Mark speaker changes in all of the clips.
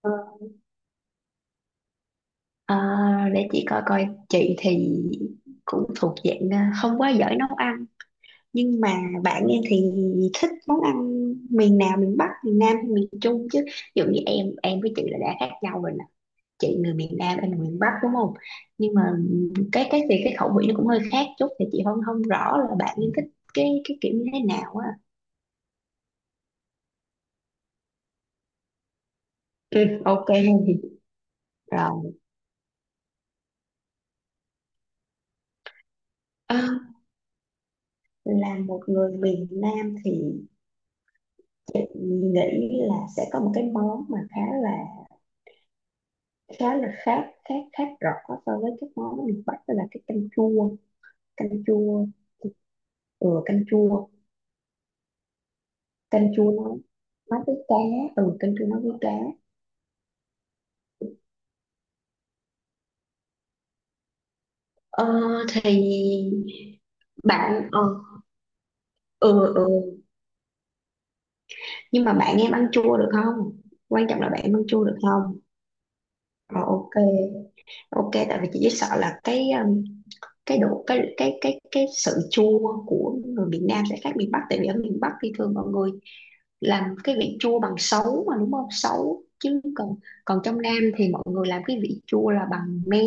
Speaker 1: Ờ, để chị coi coi. Chị thì cũng thuộc dạng không quá giỏi nấu ăn, nhưng mà bạn em thì thích món ăn miền nào? Miền Bắc, miền Nam hay miền Trung? Chứ ví dụ như em với chị là đã khác nhau rồi nè. Chị người miền Nam, em người miền Bắc đúng không? Nhưng mà cái khẩu vị nó cũng hơi khác chút, thì chị không không rõ là bạn em thích cái kiểu như thế nào á. Ừ, ok luôn. Rồi, à, là một người miền Nam thì nghĩ là sẽ có một cái món mà khá là khác khác khác rõ so với các món miền Bắc, đó là cái canh chua. Canh chua, Ừ, canh chua. Canh chua nó với cá. Ừ, canh chua nó với cá. Ờ, thì bạn ờ ừ ừ Nhưng mà bạn em ăn chua được không? Quan trọng là bạn ăn chua được không. Ờ, ok. Ok, tại vì chị chỉ sợ là cái độ, cái sự chua của người miền Nam sẽ khác miền Bắc. Tại vì ở miền Bắc thì thường mọi người làm cái vị chua bằng sấu mà, đúng không? Sấu chứ. Còn còn trong Nam thì mọi người làm cái vị chua là bằng me.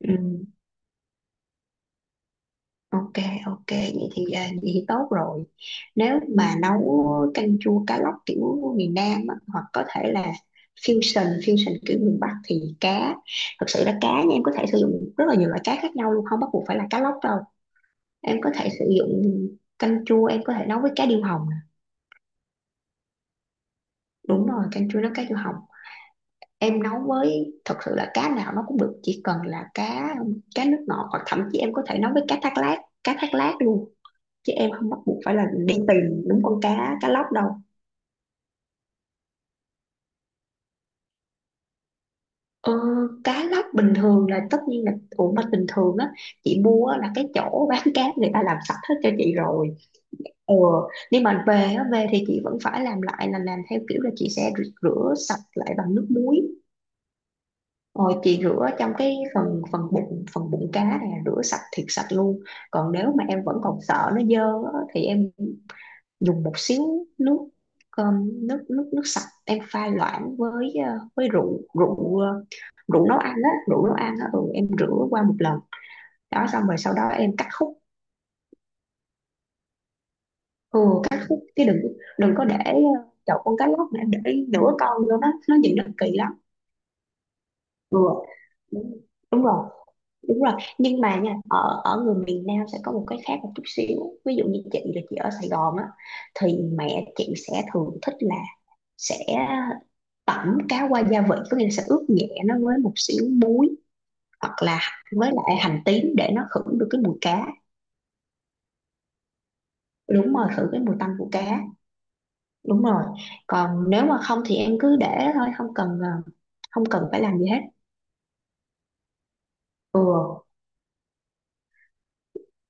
Speaker 1: Ừ. Ok, ok, vậy thì, vậy thì tốt rồi. Nếu mà nấu canh chua cá lóc kiểu miền Nam á, hoặc có thể là fusion, fusion kiểu miền Bắc, thì cá. Thực sự là cá nha, em có thể sử dụng rất là nhiều loại cá khác nhau luôn, không bắt buộc phải là cá lóc đâu. Em có thể sử dụng canh chua, em có thể nấu với cá điêu hồng nè. Đúng rồi, canh chua nấu cá điêu hồng. Em nấu với, thật sự là cá nào nó cũng được, chỉ cần là cá cá nước ngọt, hoặc thậm chí em có thể nấu với cá thác lát luôn, chứ em không bắt buộc phải là đi tìm đúng con cá cá lóc đâu. ờ, Cá lóc bình thường là tất nhiên là, ủa mà bình thường á, chị mua á là cái chỗ bán cá người ta làm sạch hết cho chị rồi. ờ nhưng mà về á, về thì chị vẫn phải làm lại, là làm theo kiểu là chị sẽ rửa, sạch lại bằng nước muối. Rồi chị rửa trong cái phần phần bụng, phần bụng cá này, rửa sạch thiệt sạch luôn. Còn nếu mà em vẫn còn sợ nó dơ á, thì em dùng một xíu nước cơm nước nước nước sạch, em pha loãng với với rượu rượu ờ, rượu nấu ăn á, rượu nấu ăn á. Ừ, em rửa qua một lần, đó, xong rồi sau đó em cắt khúc. Ừ, cắt khúc chứ đừng đừng có để chậu con cá lóc mà em để nửa con vô đó, nó nhìn nó kỳ lắm. Ừ, đúng, đúng rồi, đúng rồi. Nhưng mà nha, ở ở người miền Nam sẽ có một cái khác một chút xíu. Ví dụ như chị là chị ở Sài Gòn á, thì mẹ chị sẽ thường thích là sẽ tẩm cá qua gia vị, có nghĩa là sẽ ướp nhẹ nó với một xíu muối, hoặc là với lại hành tím, để nó khử được cái mùi cá. Đúng rồi, khử cái mùi tanh của cá. Đúng rồi. Còn nếu mà không thì em cứ để đó thôi, không cần phải làm gì hết. Ừ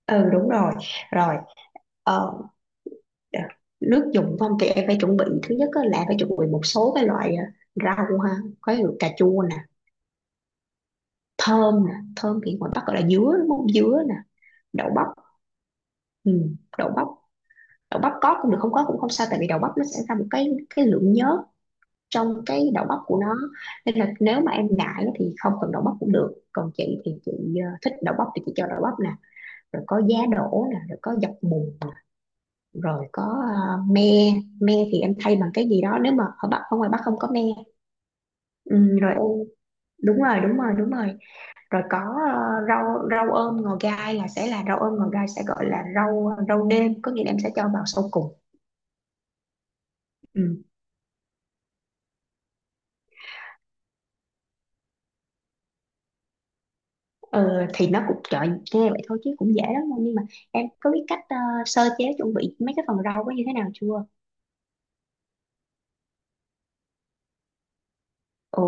Speaker 1: ừ, đúng rồi. Rồi, ờ, đ- nước dùng không thì em phải chuẩn bị, thứ nhất á là phải chuẩn bị một số cái loại rau ha. Có như cà chua nè, thơm nè, thơm thì ngoài Bắc gọi là dứa đúng không, dứa nè. Đậu bắp. Ừ, đậu bắp. Đậu bắp có cũng được, không có cũng không sao, tại vì đậu bắp nó sẽ ra một cái lượng nhớt trong cái đậu bắp của nó. Nên là nếu mà em ngại á thì không cần đậu bắp cũng được, còn chị thì chị thích đậu bắp thì chị cho đậu bắp nè. Rồi có giá đỗ nè, rồi có dọc mùng, rồi có me. Me thì em thay bằng cái gì đó, nếu mà ở ngoài bắc không có me. Ừ, rồi em. Đúng rồi, đúng rồi, đúng rồi. Rồi có rau rau ôm ngò gai, là sẽ là rau ôm ngò gai sẽ gọi là rau rau nêm, có nghĩa là em sẽ cho vào sau cùng. Ừ. Ừ, thì nó cũng, trời, nghe vậy thôi chứ cũng dễ lắm đâu. Nhưng mà em có biết cách sơ chế chuẩn bị mấy cái phần rau có như thế nào chưa? Ừ,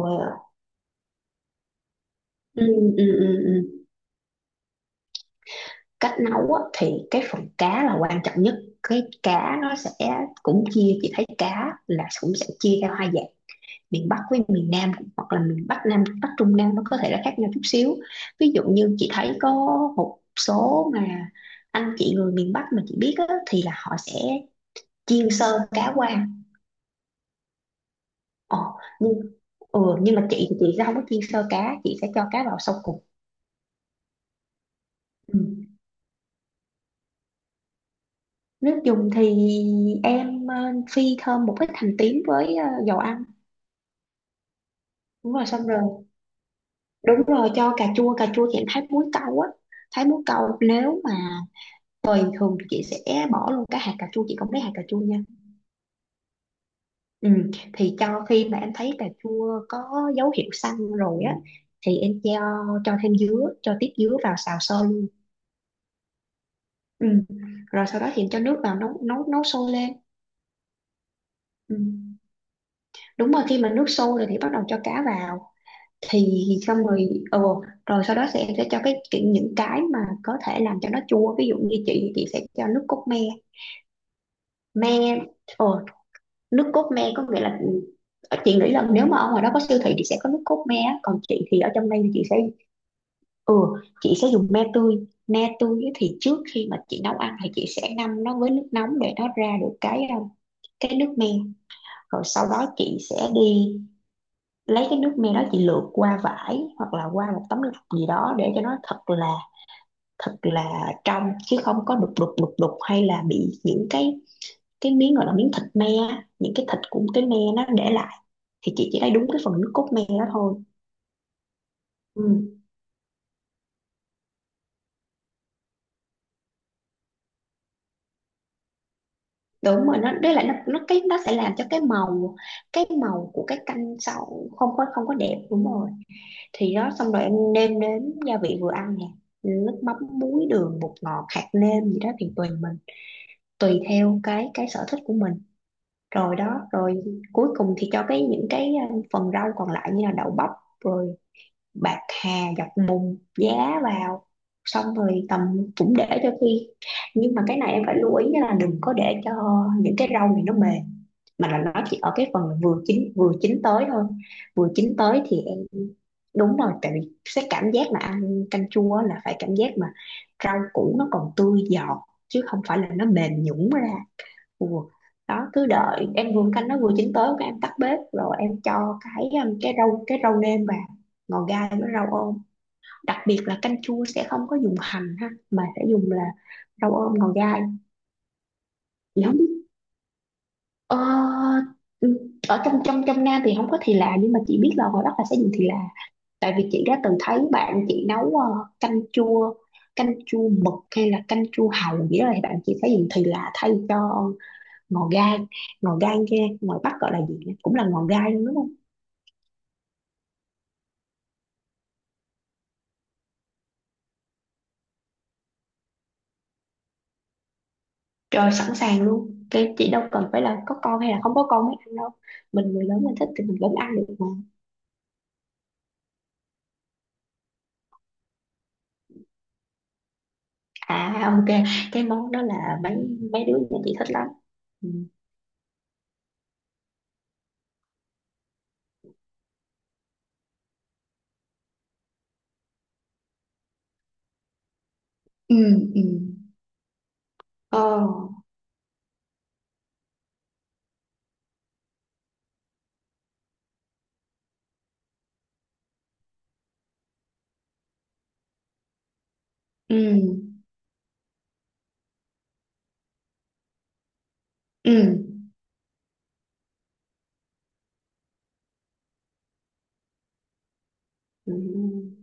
Speaker 1: ừ, ừ, ừ. Ừ. Cách nấu á, thì cái phần cá là quan trọng nhất. Cái cá nó sẽ, cũng chia, chị thấy cá là cũng sẽ chia theo hai dạng, miền Bắc với miền Nam, hoặc là miền Bắc Nam, Bắc Trung Nam nó có thể là khác nhau chút xíu. Ví dụ như chị thấy có một số mà anh chị người miền Bắc mà chị biết á, thì là họ sẽ chiên sơ cá qua. Ờ, nhưng nhưng mà chị thì chị sẽ không có chiên sơ cá, chị sẽ cho cá vào sau cùng. Ừ. Nước dùng thì em phi thơm một ít hành tím với dầu ăn. Đúng rồi, xong rồi, đúng rồi, cho cà chua. Cà chua thì em thái muối câu á, thái muối câu. Nếu mà bình thường thì chị sẽ bỏ luôn cái hạt cà chua, chị không lấy hạt cà chua nha. Ừ. Thì cho khi mà em thấy cà chua có dấu hiệu xanh rồi á, thì em cho thêm dứa, cho tiếp dứa vào xào sơ. Ừ. Rồi sau đó thì cho nước vào nấu nấu nấu sôi lên. Ừ. Đúng rồi, khi mà nước sôi rồi thì bắt đầu cho cá vào, thì xong rồi. Ừ, rồi sau đó sẽ cho những cái mà có thể làm cho nó chua, ví dụ như chị sẽ cho nước cốt me. Me. ờ, Nước cốt me có nghĩa là, ừ, chị nghĩ là nếu mà ở ngoài đó có siêu thị thì sẽ có nước cốt me á. Còn chị thì ở trong đây thì ừ chị sẽ dùng me tươi. Me tươi á thì trước khi mà chị nấu ăn thì chị sẽ ngâm nó với nước nóng, để nó ra được cái cái nước me. Rồi sau đó chị sẽ đi lấy cái nước me đó, chị lượt qua vải hoặc là qua một tấm lọc gì đó, để cho nó thật là trong, chứ không có đục đục đục đục, hay là bị những cái miếng, gọi là miếng thịt me, những cái thịt của cái me nó để lại. Thì chị chỉ lấy đúng cái phần nước cốt me đó thôi. Ừ. Đúng rồi, nó đấy là nó sẽ làm cho cái màu, cái màu của cái canh sau, không có đẹp, đúng rồi. Thì đó, xong rồi em nêm đến gia vị vừa ăn nè, nước mắm, muối, đường, bột ngọt, hạt nêm gì đó thì tùy mình, tùy theo cái sở thích của mình. Rồi, đó rồi, cuối cùng thì cho cái, những cái phần rau còn lại, như là đậu bắp, rồi bạc hà, dọc bùn, giá vào. Xong rồi tầm, cũng để cho khi, nhưng mà cái này em phải lưu ý là đừng có để cho những cái rau này nó mềm, mà là nó chỉ ở cái phần là vừa chín, vừa chín tới thôi. Vừa chín tới thì em, đúng rồi, tại vì cái cảm giác mà ăn canh chua á là phải cảm giác mà rau củ nó còn tươi giòn, chứ không phải là nó mềm nhũn ra. Ủa. Đó, cứ đợi em vừa canh nó vừa chín tới, cái em tắt bếp, rồi em cho cái rau, cái rau nêm vào, ngò gai với rau ôm. Đặc biệt là canh chua sẽ không có dùng hành ha, mà sẽ dùng là rau ôm, ngò gai. Thì không biết, ờ, ừ, ở trong trong trong Nam thì không có thì là, nhưng mà chị biết là ngoài Bắc là sẽ dùng thì là. Tại vì chị đã từng thấy bạn chị nấu canh chua canh chua mực, hay là canh chua hàu nghĩa, thì bạn chị phải dùng thì là thay cho ngò gai. Ngò gai kia ngoài Bắc gọi là gì nhỉ? Cũng là ngò gai luôn đúng không. Trời, sẵn sàng luôn, cái chị đâu cần phải là có con hay là không có con mới ăn đâu. Mình người lớn mình thích thì mình vẫn ăn được mà. À, ok, cái món đó là mấy mấy đứa nhà chị thích lắm. Ừ. Ừ. Ừ. Ờ. Ừ. Ừ. Ừ.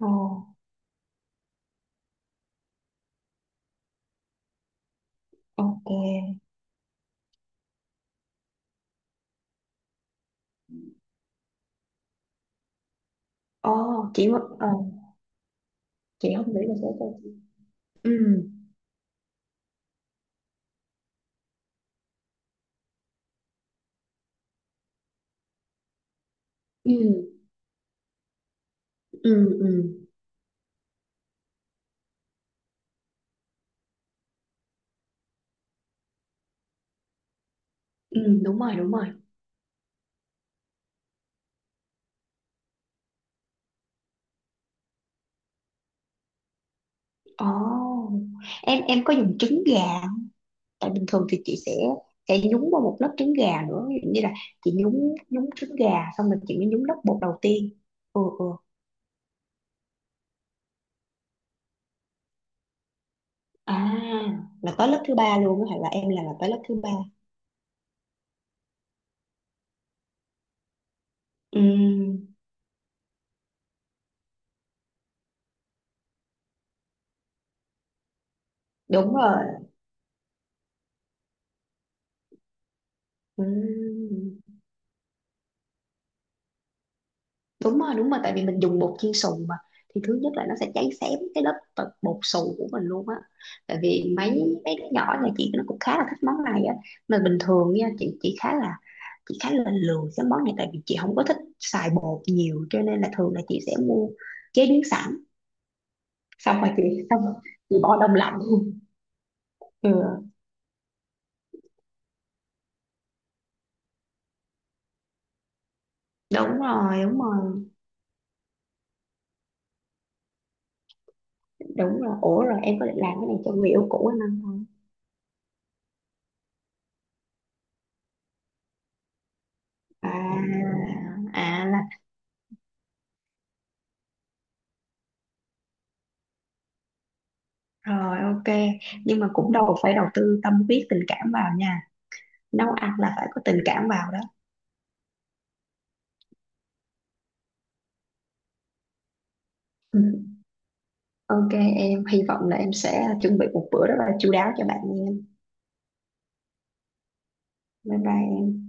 Speaker 1: Ờ. Ok. Ờ. chị muốn- ờ, chị không nghĩ là sẽ cho chị. Ừ. Ừ. Ừ. Ừ. Ừ. Đúng rồi, đúng rồi. Ồ, em có dùng trứng gà, tại bình thường thì chị sẽ nhúng vào một lớp trứng gà nữa. Ví dụ như là chị nhúng nhúng trứng gà xong rồi chị mới nhúng lớp bột đầu tiên. Ừ. Ừ. À, là tới lớp thứ ba luôn á, hả, là là tới lớp thứ ba. Ừ, đúng rồi. Ừ. Đúng rồi, đúng rồi. Tại vì mình dùng bột chiên xù mà, thì thứ nhất là nó sẽ cháy xém cái lớp bột bột xù của mình luôn á. Tại vì mấy mấy đứa nhỏ nhà chị nó cũng khá là thích món này á. Mà bình thường nha, chị khá là chị khá là lười cái món này, tại vì chị không có thích xài bột nhiều, cho nên là thường là chị sẽ mua chế biến sẵn, xong rồi chị xong rồi chị bỏ đông lạnh luôn. Ừ. Đúng rồi, đúng rồi, đúng rồi. Ủa, rồi em có định làm cái này cho người yêu cũ anh ăn không? À. À. Rồi ok, nhưng mà cũng đâu phải đầu tư tâm huyết tình cảm vào nha. Nấu ăn là phải có tình cảm vào đó. Ừ. Ok em, hy vọng là em sẽ chuẩn bị một bữa rất là chu đáo cho bạn nha em. Bye bye em.